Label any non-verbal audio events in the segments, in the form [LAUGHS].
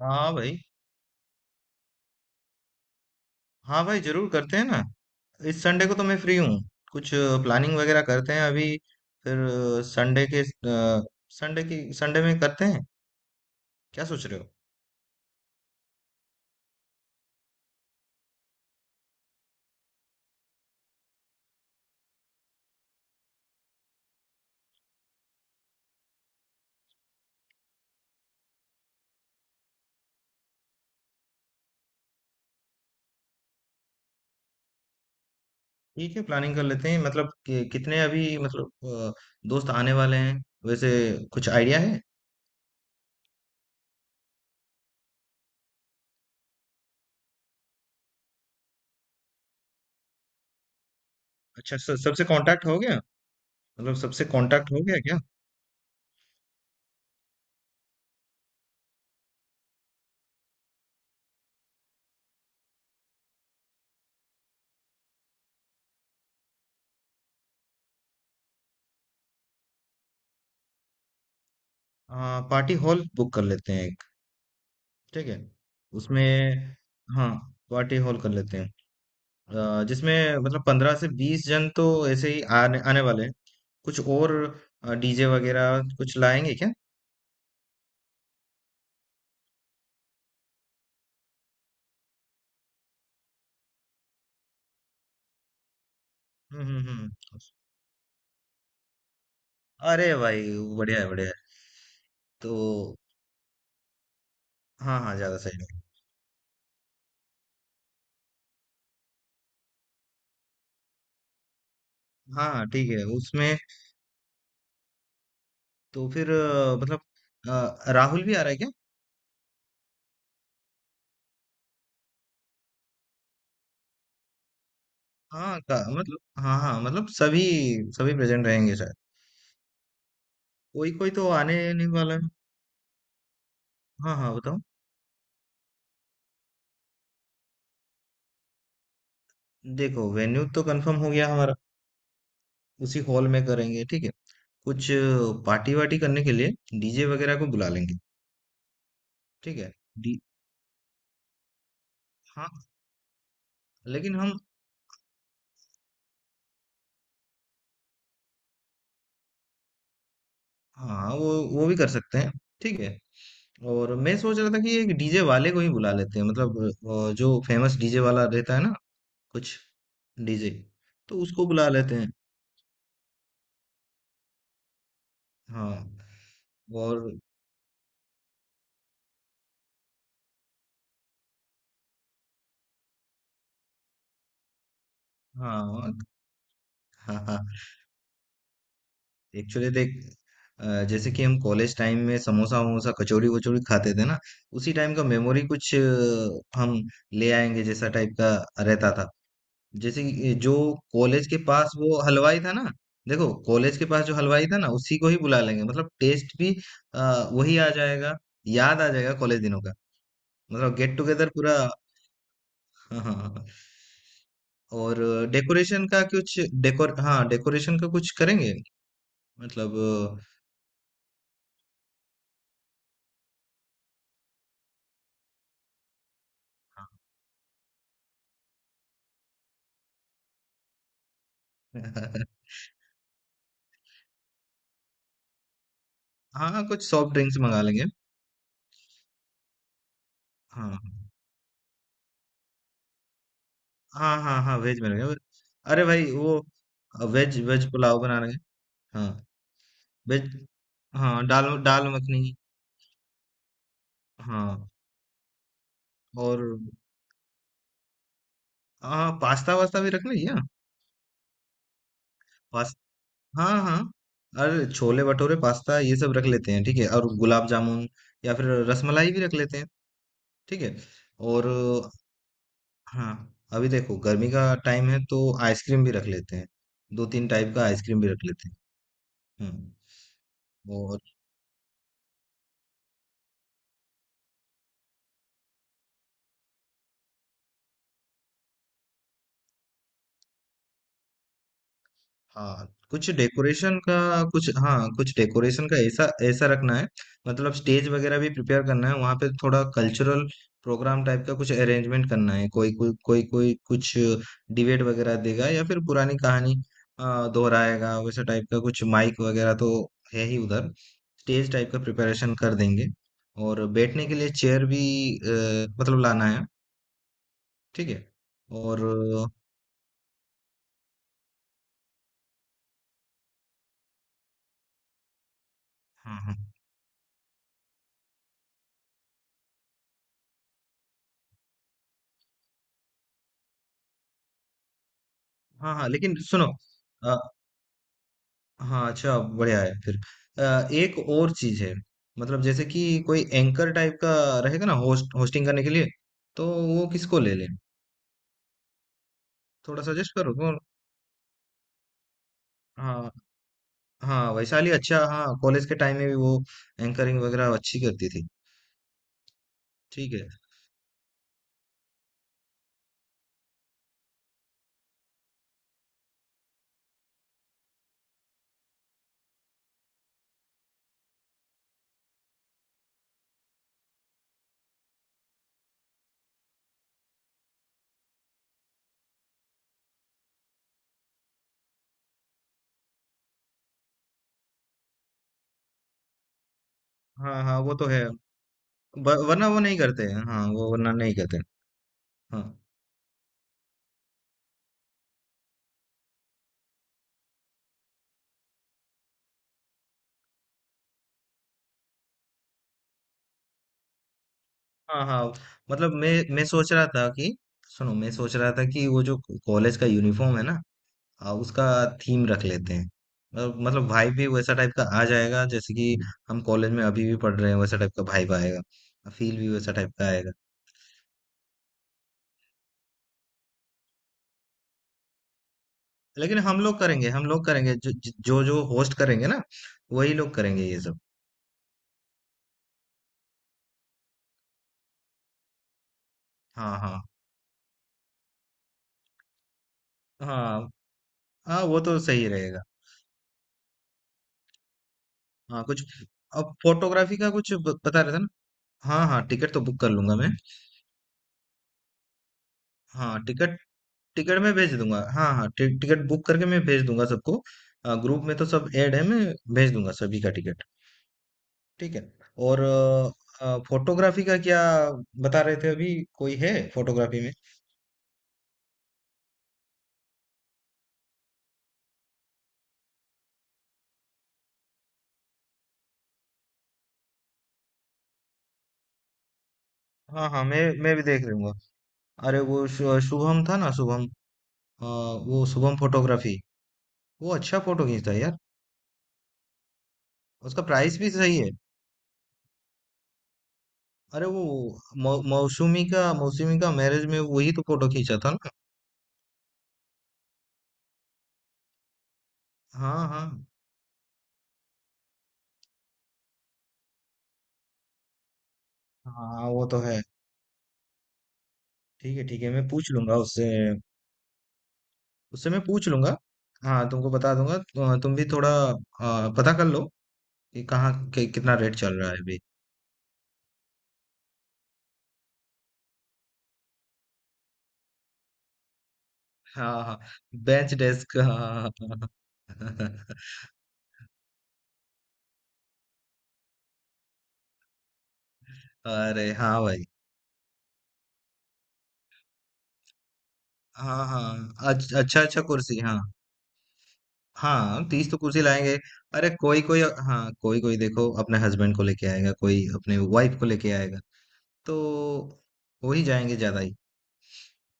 हाँ भाई। हाँ भाई, जरूर करते हैं ना। इस संडे को तो मैं फ्री हूँ। कुछ प्लानिंग वगैरह करते हैं अभी। फिर संडे के संडे की संडे में करते हैं। क्या सोच रहे हो? ठीक है, प्लानिंग कर लेते हैं। मतलब कितने अभी मतलब दोस्त आने वाले हैं वैसे? कुछ आइडिया है? अच्छा, सबसे कांटेक्ट हो गया? मतलब सबसे कांटेक्ट हो गया क्या? पार्टी हॉल बुक कर लेते हैं एक। ठीक है उसमें। हाँ, पार्टी हॉल कर लेते हैं। जिसमें मतलब 15 से 20 जन तो ऐसे ही आने आने वाले हैं। कुछ और? डीजे वगैरह कुछ लाएंगे क्या? हम्म। हम्म। हम्म। अरे भाई, बढ़िया है। बढ़िया है। तो हाँ हाँ, ज्यादा सही है। हाँ हाँ, ठीक है उसमें। तो फिर मतलब राहुल भी आ रहा है क्या? हाँ का मतलब, हाँ हाँ मतलब सभी, सभी प्रेजेंट रहेंगे शायद। कोई कोई तो आने नहीं वाला है। हाँ हाँ, बताओ। देखो, वेन्यू तो कंफर्म हो गया हमारा। उसी हॉल में करेंगे ठीक है। कुछ पार्टी वार्टी करने के लिए डीजे वगैरह को बुला लेंगे। ठीक है। डी हाँ, लेकिन हम। हाँ, वो भी कर सकते हैं। ठीक है। और मैं सोच रहा था कि एक डीजे वाले को ही बुला लेते हैं, मतलब जो फेमस डीजे वाला रहता है ना, कुछ डीजे। तो उसको बुला लेते हैं। हाँ। और हाँ हाँ हाँ। एक्चुअली देख, जैसे कि हम कॉलेज टाइम में समोसा वमोसा कचौड़ी वचौड़ी खाते थे ना, उसी टाइम का मेमोरी कुछ हम ले आएंगे जैसा टाइप का रहता था। जैसे कि ये जो कॉलेज के पास वो हलवाई था ना, देखो कॉलेज के पास जो हलवाई था ना, उसी को ही बुला लेंगे, मतलब टेस्ट भी वही आ जाएगा, याद आ जाएगा कॉलेज दिनों का। मतलब गेट टुगेदर पूरा। हाँ हाँ हाँ। हाँ। और डेकोरेशन का कुछ, डेकोर हाँ, डेकोरेशन का कुछ करेंगे मतलब। अ, [LAUGHS] हाँ, कुछ सॉफ्ट ड्रिंक्स मंगा लेंगे। हाँ हाँ हाँ। हाँ, वेज में रहेगा। अरे भाई, वो वेज वेज पुलाव बना लेंगे। हाँ वेज। हाँ, दाल दाल मखनी। हाँ और। हाँ, पास्ता वास्ता भी रख लें क्या? पास्ता, हाँ हाँ। अरे, छोले भटूरे पास्ता ये सब रख लेते हैं, ठीक है, और गुलाब जामुन या फिर रसमलाई भी रख लेते हैं। ठीक है। और हाँ, अभी देखो गर्मी का टाइम है तो आइसक्रीम भी रख लेते हैं। दो तीन टाइप का आइसक्रीम भी रख लेते हैं। हम्म। हाँ, कुछ डेकोरेशन का कुछ, हाँ, कुछ डेकोरेशन का ऐसा, ऐसा रखना है। मतलब स्टेज वगैरह भी प्रिपेयर करना है वहाँ पे, थोड़ा कल्चरल प्रोग्राम टाइप का कुछ अरेंजमेंट करना है। कोई कोई कुछ डिबेट वगैरह देगा या फिर पुरानी कहानी दोहराएगा वैसे टाइप का। कुछ माइक वगैरह तो है ही उधर। स्टेज टाइप का प्रिपरेशन कर देंगे। और बैठने के लिए चेयर भी मतलब लाना है। ठीक है। और हाँ हाँ हाँ हाँ, लेकिन सुनो, हाँ, अच्छा बढ़िया है फिर। एक और चीज़ है। मतलब जैसे कि कोई एंकर टाइप का रहेगा ना होस्टिंग करने के लिए, तो वो किसको ले लें? थोड़ा सजेस्ट करो, कौन? हाँ, हाँ, वैशाली अच्छा। हाँ, कॉलेज के टाइम में भी वो एंकरिंग वगैरह अच्छी करती थी। ठीक है। हाँ, हाँ, वो तो है। व वरना वो नहीं करते हैं। हाँ, वो वरना नहीं करते हैं। हाँ। हाँ, हाँ, मतलब मैं सोच रहा था कि सुनो, मैं सोच रहा था कि वो जो कॉलेज का यूनिफ़ॉर्म है ना, उसका थीम रख लेते हैं। मतलब वाइब भी वैसा टाइप का आ जाएगा, जैसे कि हम कॉलेज में अभी भी पढ़ रहे हैं वैसा टाइप का वाइब आएगा। फील भी वैसा टाइप का आएगा। लेकिन हम लोग करेंगे जो जो जो होस्ट करेंगे ना, वही लोग करेंगे ये सब। हाँ हाँ हाँ। हाँ, वो तो सही रहेगा। हाँ कुछ। अब फोटोग्राफी का कुछ बता रहे थे ना? हाँ हाँ, टिकट तो बुक कर लूंगा मैं। हाँ, टिकट, टिकट मैं भेज दूंगा। हाँ हाँ, टिकट बुक करके मैं भेज दूंगा सबको। ग्रुप में तो सब ऐड है, मैं भेज दूंगा सभी का टिकट। ठीक है। और फोटोग्राफी का क्या बता रहे थे? अभी कोई है फोटोग्राफी में? हाँ हाँ, मैं भी देख लूंगा। अरे वो शुभम था ना, शुभम। अ, वो शुभम फोटोग्राफी, वो अच्छा फोटो खींचता है यार। उसका प्राइस भी सही है। अरे वो मौसमी का मैरिज में वही तो फोटो खींचा था ना। हाँ हाँ हाँ, वो तो है। ठीक है ठीक है, मैं पूछ लूंगा उससे। उससे मैं पूछ लूंगा। हाँ तुमको बता दूंगा। तुम भी थोड़ा पता कर लो कि कितना रेट चल रहा है अभी। हाँ हाँ, बेंच डेस्क। हाँ हाँ हाँ हाँ। [LAUGHS] अरे हाँ भाई। हाँ हाँ, अच्छा अच्छा, कुर्सी हाँ। हाँ, 30 तो कुर्सी लाएंगे। अरे कोई कोई, हाँ, कोई कोई देखो, अपने हस्बैंड को लेके आएगा, कोई अपने वाइफ को लेके आएगा, तो वो ही जाएंगे ज्यादा ही।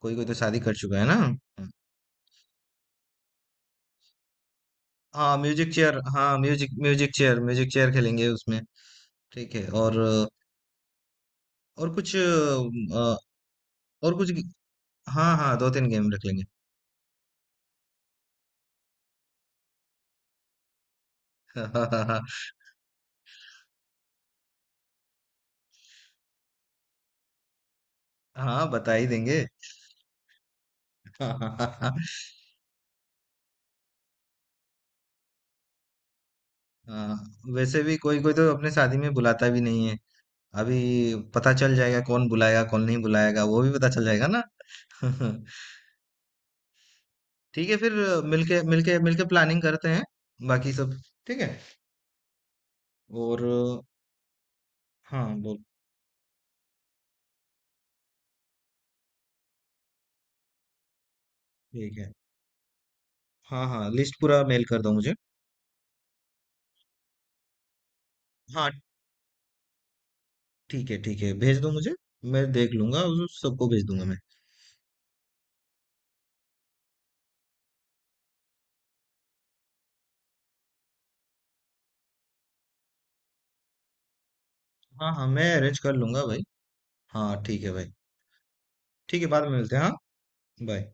कोई कोई तो शादी कर चुका है ना। हम्म। हाँ म्यूजिक चेयर, हाँ म्यूजिक म्यूजिक चेयर खेलेंगे उसमें। ठीक है। और कुछ और कुछ, हाँ हाँ, दो तीन गेम रख लेंगे। [LAUGHS] हाँ, बता ही देंगे। [LAUGHS] हाँ, वैसे भी कोई कोई तो अपने शादी में बुलाता भी नहीं है अभी। पता चल जाएगा कौन बुलाएगा, कौन नहीं बुलाएगा, वो भी पता चल जाएगा ना। [LAUGHS] ठीक है फिर। मिलके मिलके मिलके प्लानिंग करते हैं बाकी सब। ठीक है। और हाँ, बोल। ठीक है। हाँ हाँ, लिस्ट पूरा मेल कर दो मुझे। हाँ ठीक है, ठीक है भेज दो मुझे। मैं देख लूंगा, उस सबको भेज दूंगा मैं। हाँ हाँ, मैं अरेंज कर लूंगा भाई। हाँ ठीक है भाई। ठीक है, बाद में मिलते हैं, हाँ। बाय।